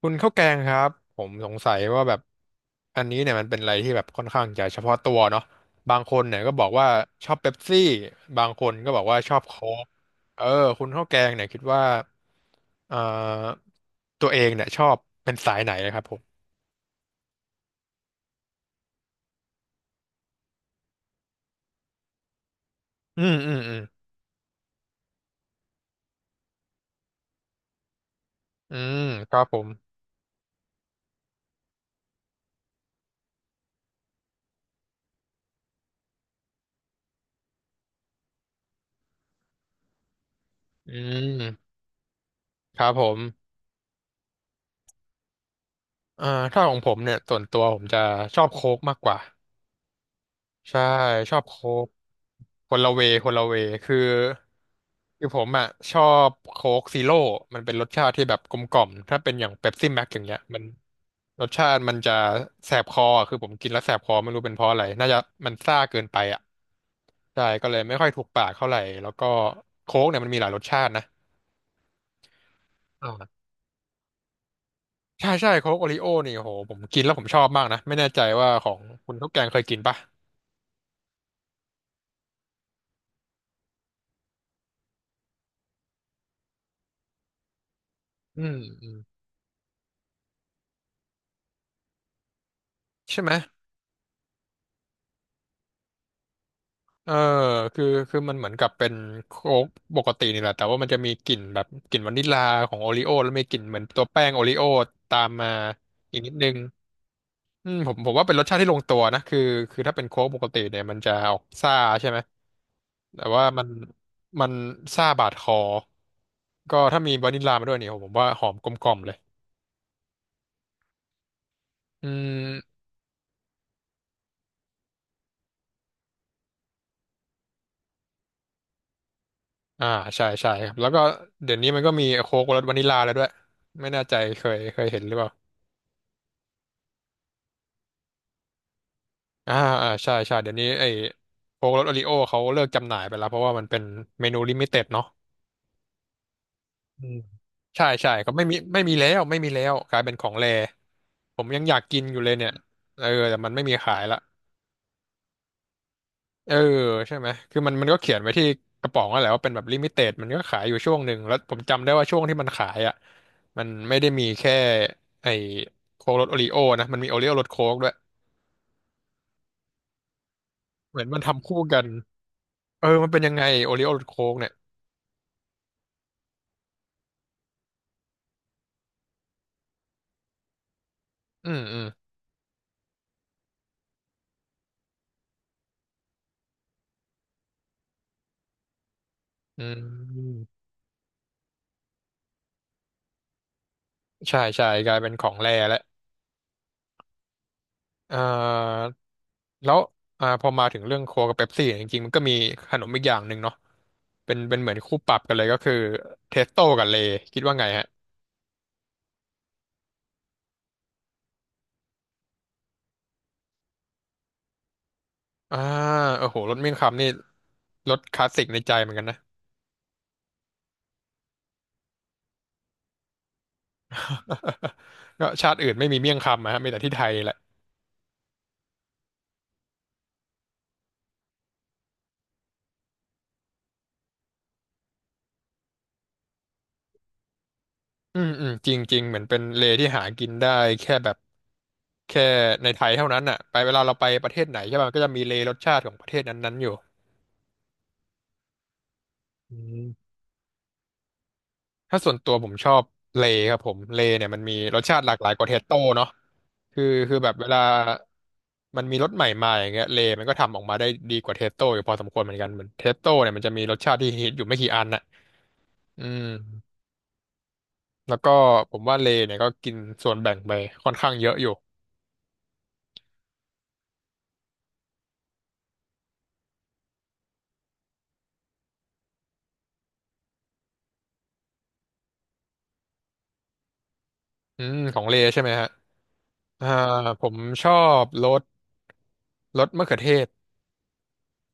คุณข้าวแกงครับผมสงสัยว่าแบบอันนี้เนี่ยมันเป็นอะไรที่แบบค่อนข้างจะเฉพาะตัวเนาะบางคนเนี่ยก็บอกว่าชอบเป๊ปซี่บางคนก็บอกว่าชอบโค้กเออคุณข้าวแกงเนี่ยคิดว่าเอ่อตัวเองเนี่ยชอบเป็นสายไหนนะครับผมอืมอืมครับผมอืมครับผมอ่าถ้าของผมเนี่ยส่วนตัวผมจะชอบโค้กมากกว่า ใช่ชอบโคกคนละเวคือคือผมอ่ะชอบโค้กซีโร่มันเป็นรสชาติที่แบบกลมกล่อมถ้าเป็นอย่างเป๊ปซี่แม็กอย่างเงี้ยมันรสชาติมันจะแสบคออะคือผมกินแล้วแสบคอไม่รู้เป็นเพราะอะไรน่าจะมันซ่าเกินไปอ่ะใช่ก็เลยไม่ค่อยถูกปากเท่าไหร่แล้วก็โค้กเนี่ยมันมีหลายรสชาตินะอ่าใช่ใช่โค้กโอริโอนี่โหผมกินแล้วผมชอบมากนะไม่แน่ใจว่าของคุณข้าวแกงเคยกินปะอืมอืมใช่ไหม เออคือมันเหมือนกับเป็นโค้กปกตินี่แหละแต่ว่ามันจะมีกลิ่นแบบกลิ่นวานิลลาของโอริโอแล้วมีกลิ่นเหมือนตัวแป้งโอริโอตามมาอีกนิดนึงอืมผมว่าเป็นรสชาติที่ลงตัวนะคือถ้าเป็นโค้กปกติเนี่ยมันจะออกซ่าใช่ไหมแต่ว่ามันซ่าบาดคอก็ถ้ามีวานิลลามาด้วยเนี่ยผมว่าหอมกลมกล่อมเลยอืมอ่าใช่ใช่ครับแล้วก็เดี๋ยวนี้มันก็มีโค้กรสวานิลลาแล้วด้วยไม่แน่ใจเคยเห็นหรือเปล่า อ่าอ่าใช่ใช่เดี๋ยวนี้ไอ้โค้กรสโอริโอเขาเลิกจำหน่ายไปแล้วเพราะว่ามันเป็นเมนูลิมิเต็ดเนาะอืมใช่ใช่ก็ไม่มีแล้วไม่มีแล้วกลายเป็นของแรผมยังอยากกินอยู่เลยเนี่ยเออแต่มันไม่มีขายละเออใช่ไหมคือมันก็เขียนไว้ที่กระป๋องนั่นแหละว่าเป็นแบบลิมิเต็ดมันก็ขายอยู่ช่วงหนึ่งแล้วผมจำได้ว่าช่วงที่มันขายอ่ะมันไม่ได้มีแค่ไอ้โค้กรสโอริโอนะมันมีโอริโอรสโค้กด้วยเหมือนมันทำคู่กันเออมันเป็นยังไงโอริโอรสโค้กเนี่ยอืม อืมใช่ใช่กลายเป็นของแร่แล้วเอ่าแล้วอ่าพอมาถึงเรื่องโค้กกับเป๊ปซี่ยจริงๆมันก็มีขนมอีกอย่างหนึ่งเนาะเป็นเหมือนคู่ปรับกันเลยก็คือเทสโต้กับเลยคิดว่าไงฮะอ่าโอ้โหรสเมี่ยงคำนี่รสคลาสสิกในใจเหมือนกันนะ ก็ชาติอื่นไม่มีเมี่ยงคำนะฮะมีแต่ที่ไทยแหละอืมอืมจริงจริงเหมือนเป็นเลที่หากินได้แค่แบบแค่ในไทยเท่านั้นอ่ะไปเวลาเราไปประเทศไหนใช่ป่ะมันก็จะมีเลรสชาติของประเทศนั้นๆอยู่อืม ถ้าส่วนตัวผมชอบเลครับผมเลเนี่ยมันมีรสชาติหลากหลายกว่าเทสโต้เนาะคือคือแบบเวลามันมีรสใหม่มาอย่างเงี้ยเลมันก็ทำออกมาได้ดีกว่าเทสโต้อยู่พอสมควรเหมือนกันเหมือนเทสโต้เนี่ยมันจะมีรสชาติที่ฮิตอยู่ไม่กี่อันน่ะอืมแล้วก็ผมว่าเลเนี่ยก็กินส่วนแบ่งไปค่อนข้างเยอะอยู่อืมของเลใช่ไหมฮะอ่าผมชอบรสมะเขือเทศ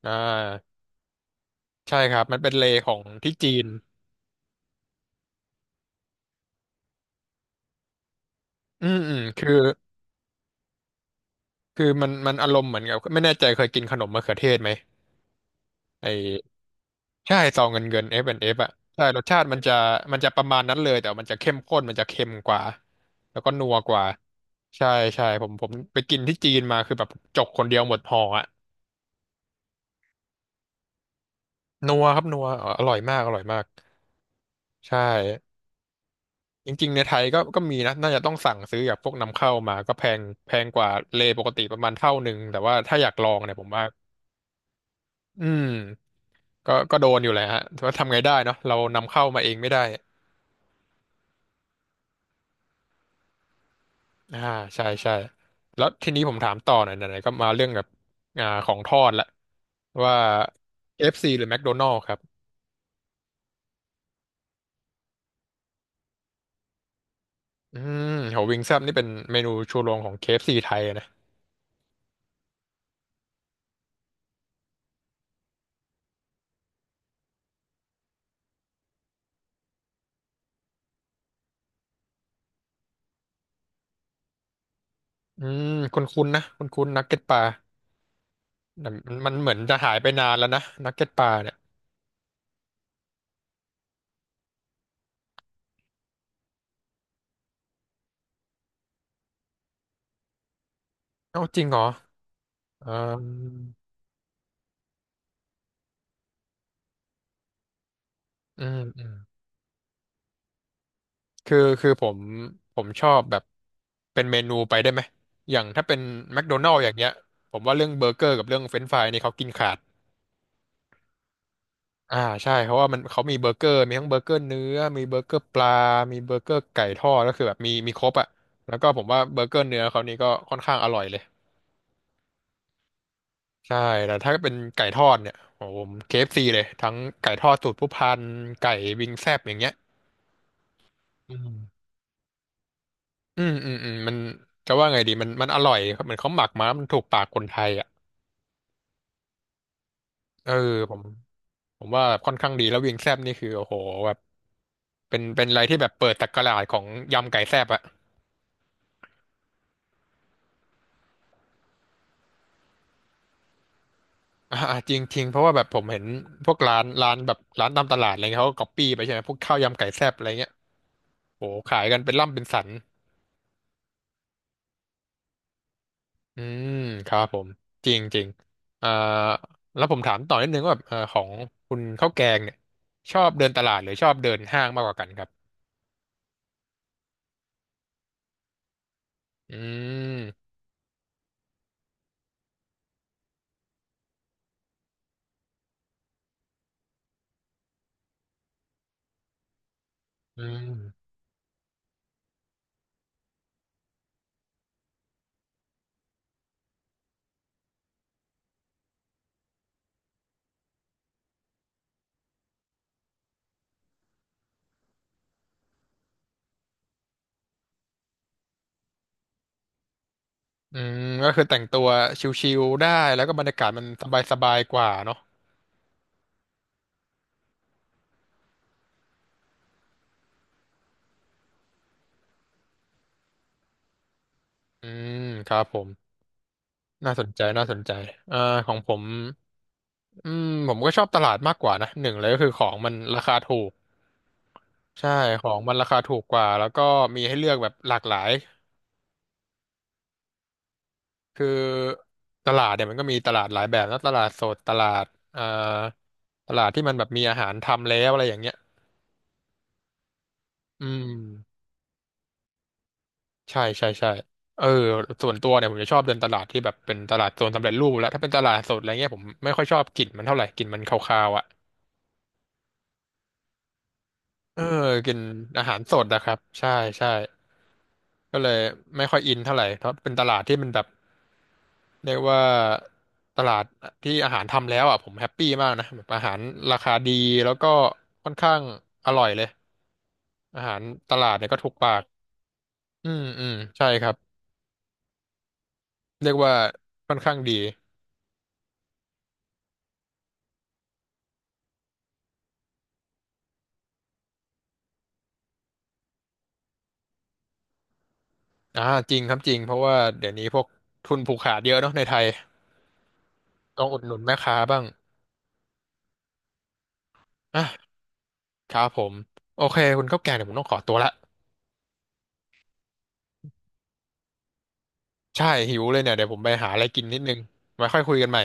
อ่าใช่ครับมันเป็นเลของที่จีนอืมคือ คือมันอารมณ์เหมือนกับไม่แน่ใจเคยกินขนมมะเขือเทศไหมไอ้ใช่ซองเงินเงิน F and F อนด์เอฟอ่ะใช่รสชาติมันจะมันจะประมาณนั้นเลยแต่มันจะเข้มข้นมันจะเค็มกว่าแล้วก็นัวกว่าใช่ใช่ผมไปกินที่จีนมาคือแบบจกคนเดียวหมดห่ออ่ะนัวครับนัวอร่อยมากอร่อยมากใช่จริงๆในไทยก็มีนะน่าจะต้องสั่งซื้อจากพวกนำเข้ามาก็แพงแพงกว่าเลปกติประมาณเท่าหนึ่งแต่ว่าถ้าอยากลองเนี่ยผมว่าอืม ก็โดนอยู่แหละฮะแต่ว่าทำไงได้เนาะเรานำเข้ามาเองไม่ได้อ่าใช่ใช่แล้วทีนี้ผมถามต่อหน่อยไหนๆก็มาเรื่องแบบอ่าของทอดละว่าเคเอฟ f c หรือ McDonald's ครับอืมโหวิงแซ่บนี่เป็นเมนูชูโรงของ KFC ไทยอะนะอืมคุ้นๆนะคุ้นๆนักเก็ตปลาแต่มันเหมือนจะหายไปนานแล้วนะนักเก็ตปลาเนี่ยเอ้าจริงเหรออ่าอืมอืม คือผมชอบแบบเป็นเมนูไปได้ไหมอย่างถ้าเป็นแมคโดนัล s อย่างเงี้ยผมว่าเรื่องเบอร์เกอร์กับเรื่องเฟรนช์ฟรายนี่เขากินขาดอ่าใช่เพราะว่ามันเขามีเบอร์เกอร์มีทั้งเบอร์เกอร์เนื้อมีเบอร์เกอร์ปลา มีเบอร์เกอร์ไก่ทอดก็คือแบบมีครบอ่ะแล้วก็ผมว่าเบอร์เกอร์เนื้อเขานี่ก็ค่อนข้างอร่อยเลยใช่แต่ถ้าเป็นไก่ทอดเนี่ยโอ้โหผม KFC เอฟซีเลยทั้งไก่ทอดสูตรผู้พันไก่วิงแซบอย่างเงี้ยอืมอืมอืมอืมจะว่าไงดีมันอร่อยเหมือนเขาหมักมามันถูกปากคนไทยอ่ะ เออผมผมว่าค่อนข้างดีแล้ววิงแซบนี่คือโอ้โหแบบเป็นอะไรที่แบบเปิดตกราชของยำไก่แซบอะอ่าจริงจริงเพราะว่าแบบผมเห็นพวกร้านแบบร้านตามตลาดอะไรเงี้ยเขาก็ก๊อปปี้ไปใช่ไหมพวกข้าวยำไก่แซบอะไรเงี้ยโอ้โหขายกันเป็นล่ำเป็นสันอืมครับผมจริงจริงอ่าแล้วผมถามต่อนิดนึงว่าแบบของคุณข้าวแกงเนี่ยชอบเดินตลาดหรือชอบเดินห้างมากกว่ากันครับอืมอืม อืมก็คือแต่งตัวชิลๆได้แล้วก็บรรยากาศมันสบายๆกว่าเนาะอืมครับผมน่าสนใจน่าสนใจอ่าของผมอืมผมก็ชอบตลาดมากกว่านะหนึ่งเลยก็คือของมันราคาถูกใช่ของมันราคาถูกกว่าแล้วก็มีให้เลือกแบบหลากหลายคือตลาดเนี่ยมันก็มีตลาดหลายแบบนะตลาดสดตลาดเอ่อตลาดที่มันแบบมีอาหารทำแล้วอะไรอย่างเงี้ยอืม ใช่ใช่ใช่เออส่วนตัวเนี่ยผมจะชอบเดินตลาดที่แบบเป็นตลาดโซนสำเร็จรูปแล้วถ้าเป็นตลาดสดอะไรเงี้ยผมไม่ค่อยชอบกลิ่นมันเท่าไหร่กลิ่นมันคาวๆอ่ะเออกินอาหารสดนะครับใช่ใช่ก็เลยไม่ค่อยอินเท่าไหร่เพราะเป็นตลาดที่มันแบบเรียกว่าตลาดที่อาหารทำแล้วอ่ะผมแฮปปี้มากนะแบบอาหารราคาดีแล้วก็ค่อนข้างอร่อยเลยอาหารตลาดเนี่ยก็ถูกปากอืมอืมใช่ครับเรียกว่าค่อนข้างดี อ่าจริงครับจริงเพราะว่าเดี๋ยวนี้พวกทุนผูกขาดเยอะเนาะในไทยต้องอุดหนุนแม่ค้าบ้างอ่ะครับผมโอเคคุณข้าวแกงเดี๋ยวผมต้องขอตัวละใช่หิวเลยเนี่ยเดี๋ยวผมไปหาอะไรกินนิดนึงไว้ค่อยคุยกันใหม่